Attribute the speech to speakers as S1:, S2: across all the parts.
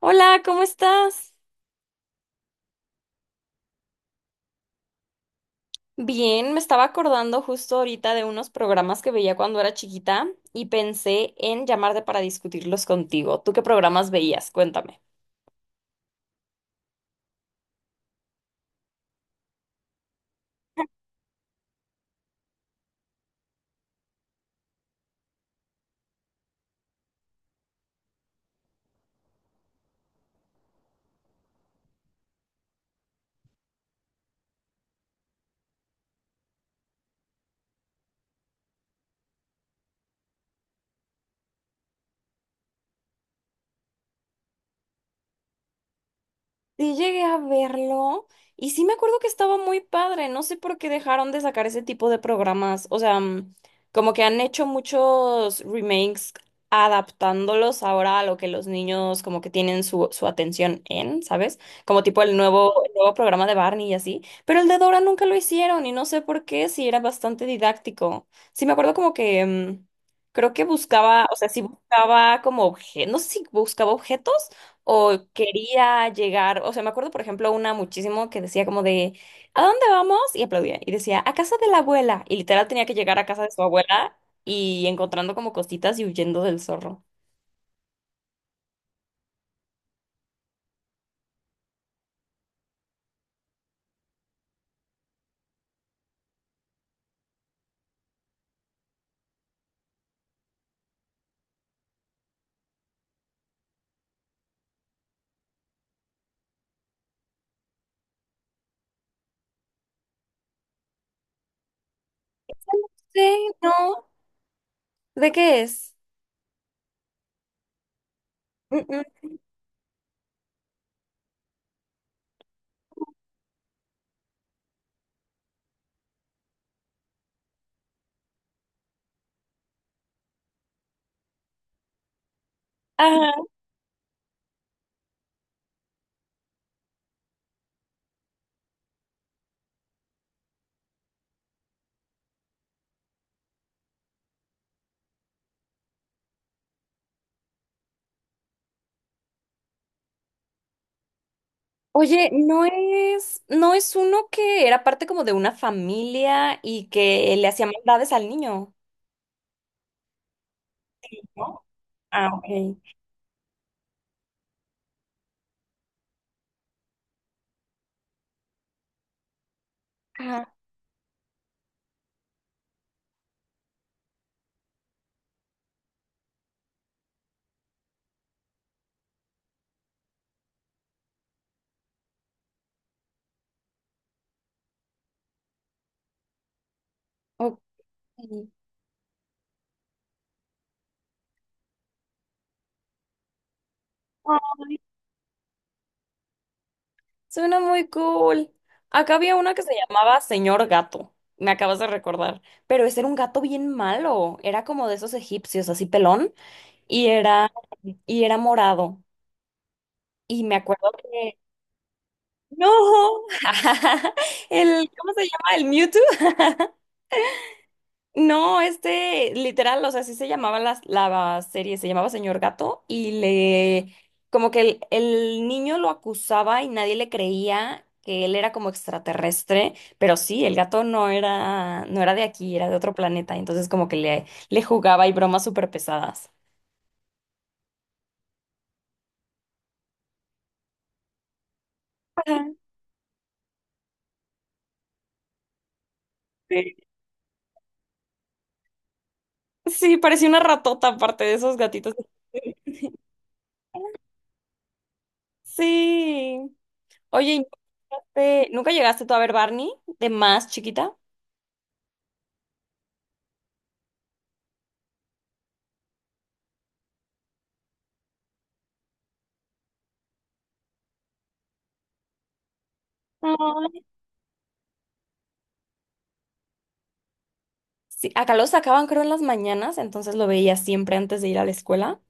S1: Hola, ¿cómo estás? Bien, me estaba acordando justo ahorita de unos programas que veía cuando era chiquita y pensé en llamarte para discutirlos contigo. ¿Tú qué programas veías? Cuéntame. Sí llegué a verlo y sí me acuerdo que estaba muy padre. No sé por qué dejaron de sacar ese tipo de programas. O sea, como que han hecho muchos remakes adaptándolos ahora a lo que los niños como que tienen su atención en, ¿sabes? Como tipo el nuevo programa de Barney y así. Pero el de Dora nunca lo hicieron y no sé por qué, si era bastante didáctico. Sí me acuerdo como que creo que buscaba, o sea, sí buscaba como objetos, no sé si buscaba objetos o quería llegar, o sea, me acuerdo, por ejemplo, una muchísimo que decía como de, ¿a dónde vamos? Y aplaudía y decía, a casa de la abuela. Y literal tenía que llegar a casa de su abuela y encontrando como cositas y huyendo del zorro. Sí, no. ¿De qué es? Mm, mm. Ajá. Oye, no es uno que era parte como de una familia y que le hacía maldades al niño, ¿no? Ah, ok. Ajá. Ok. Suena muy cool. Acá había una que se llamaba Señor Gato. Me acabas de recordar. Pero ese era un gato bien malo. Era como de esos egipcios, así pelón. Y era, y era morado. Y me acuerdo que. ¡No! El, ¿cómo se llama? ¿El Mewtwo? No, este, literal, o sea, así se llamaba la serie, se llamaba Señor Gato y le, como que el niño lo acusaba y nadie le creía que él era como extraterrestre, pero sí, el gato no era, no era de aquí, era de otro planeta, entonces como que le jugaba y bromas súper pesadas. Ajá, sí, sí, parecía una ratota aparte de esos gatitos. Sí. Oye, ¿y nunca llegaste tú a ver Barney de más chiquita? Sí, acá lo sacaban creo en las mañanas, entonces lo veía siempre antes de ir a la escuela.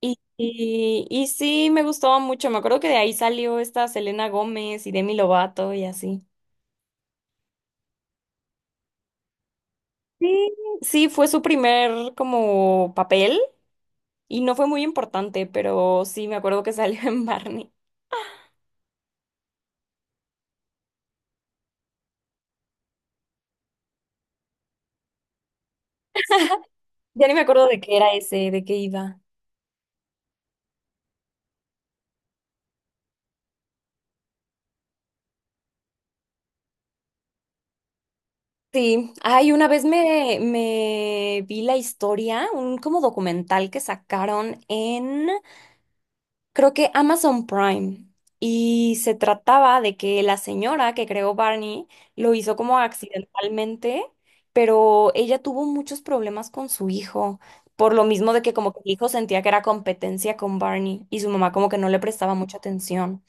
S1: Y sí, me gustaba mucho. Me acuerdo que de ahí salió esta Selena Gómez y Demi Lovato y así. Sí, sí, fue su primer como papel y no fue muy importante, pero sí, me acuerdo que salió en Barney. Ya ni me acuerdo de qué era ese, de qué iba. Sí, ay, una vez me vi la historia, un como documental que sacaron en creo que Amazon Prime. Y se trataba de que la señora que creó Barney lo hizo como accidentalmente, pero ella tuvo muchos problemas con su hijo, por lo mismo de que como que el hijo sentía que era competencia con Barney y su mamá como que no le prestaba mucha atención.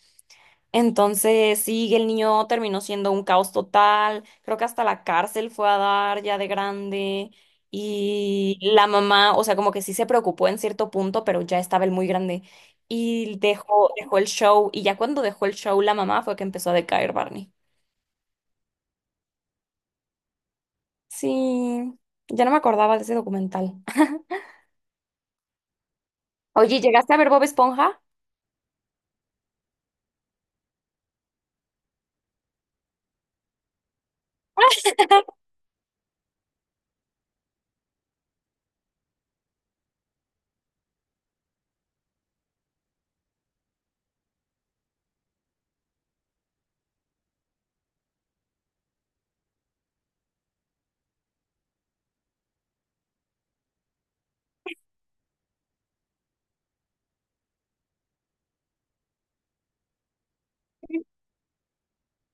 S1: Entonces, sí, el niño terminó siendo un caos total. Creo que hasta la cárcel fue a dar ya de grande. Y la mamá, o sea, como que sí se preocupó en cierto punto, pero ya estaba él muy grande. Y dejó el show. Y ya cuando dejó el show, la mamá fue que empezó a decaer Barney. Sí, ya no me acordaba de ese documental. Oye, ¿llegaste a ver Bob Esponja?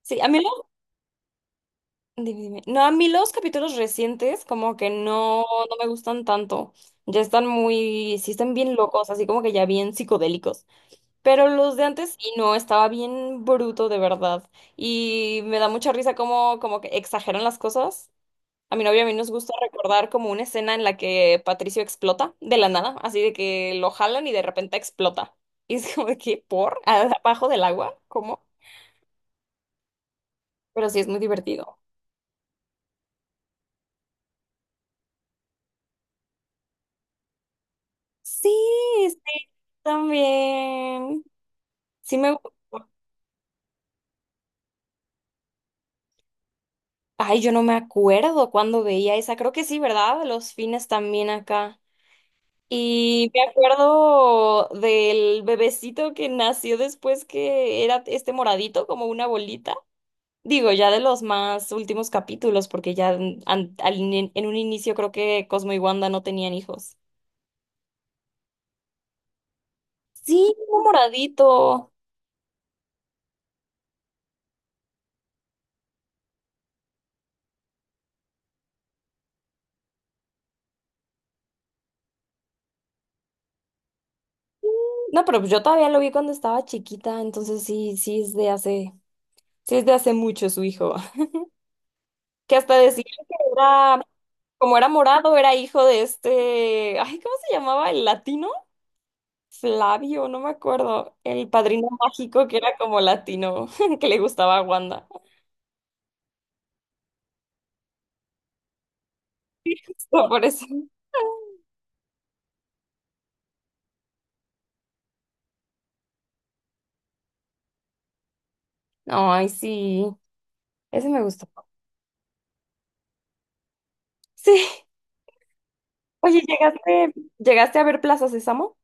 S1: Sí, a mí dime. No, a mí los capítulos recientes como que no, no me gustan tanto. Ya están muy, sí están bien locos, así como que ya bien psicodélicos. Pero los de antes sí, no, estaba bien bruto de verdad. Y me da mucha risa como, como que exageran las cosas. A mi novia y a mí nos gusta recordar como una escena en la que Patricio explota de la nada, así de que lo jalan y de repente explota. Y es como de que, ¿por? ¿Abajo del agua? ¿Cómo? Pero sí es muy divertido. Sí, sí, también. Sí me... gu- Ay, yo no me acuerdo cuándo veía esa. Creo que sí, ¿verdad? Los fines también acá. Y me acuerdo del bebecito que nació después que era este moradito, como una bolita. Digo, ya de los más últimos capítulos, porque ya en, an- al ini- en un inicio creo que Cosmo y Wanda no tenían hijos. Sí, un moradito. No, pero pues yo todavía lo vi cuando estaba chiquita, entonces sí, sí es de hace... Sí, es de hace mucho su hijo. Que hasta decían que era, como era morado, era hijo de este, ay, ¿cómo se llamaba? ¿El latino? Flavio, no me acuerdo. El padrino mágico que era como latino, que le gustaba a Wanda. Hasta por eso. No, ay, sí. Ese me gustó. Sí. Oye, ¿llegaste a ver Plaza Sésamo?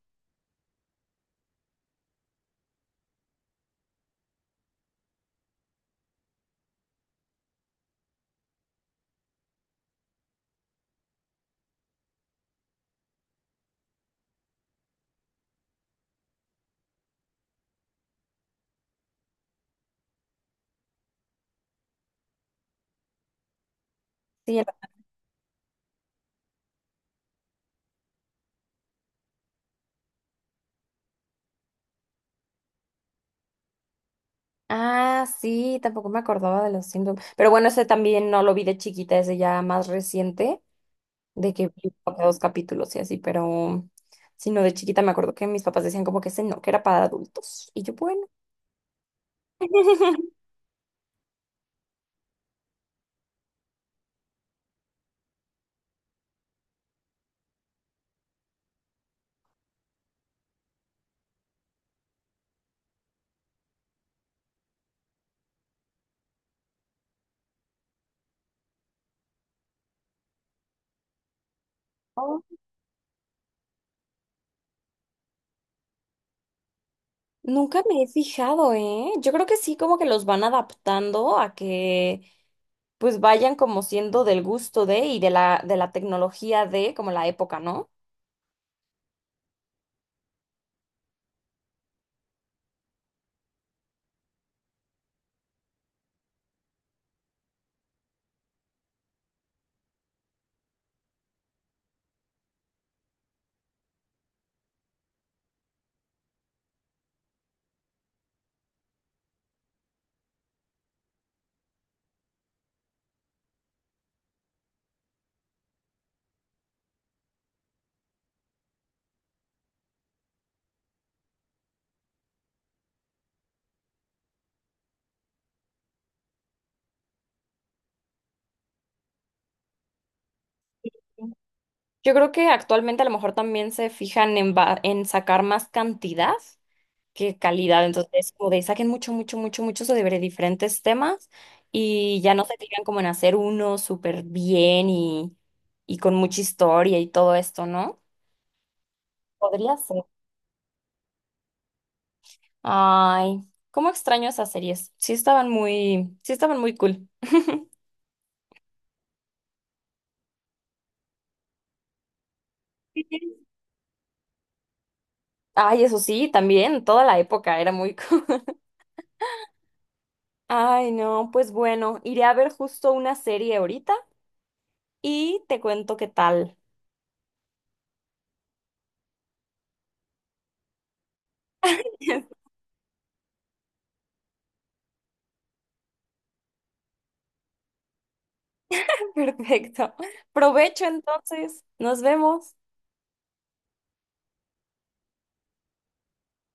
S1: Sí. era- Ah, sí, tampoco me acordaba de los Simpsons. Pero bueno, ese también no lo vi de chiquita, ese ya más reciente. De que vi como dos capítulos y así, pero sino de chiquita me acuerdo que mis papás decían como que ese no, que era para adultos. Y yo, bueno. Oh, nunca me he fijado, ¿eh? Yo creo que sí, como que los van adaptando a que pues vayan como siendo del gusto de y de de la tecnología de como la época, ¿no? Yo creo que actualmente a lo mejor también se fijan en, va- en sacar más cantidad qué calidad. Entonces, como de saquen mucho, mucho, mucho, mucho sobre diferentes temas y ya no se tiran como en hacer uno súper bien y con mucha historia y todo esto, ¿no? Podría ser. Ay, cómo extraño esas series. Sí estaban muy cool. Ay, eso sí, también, toda la época era muy cool. Ay, no, pues bueno, iré a ver justo una serie ahorita y te cuento qué tal. Perfecto. Provecho entonces. Nos vemos.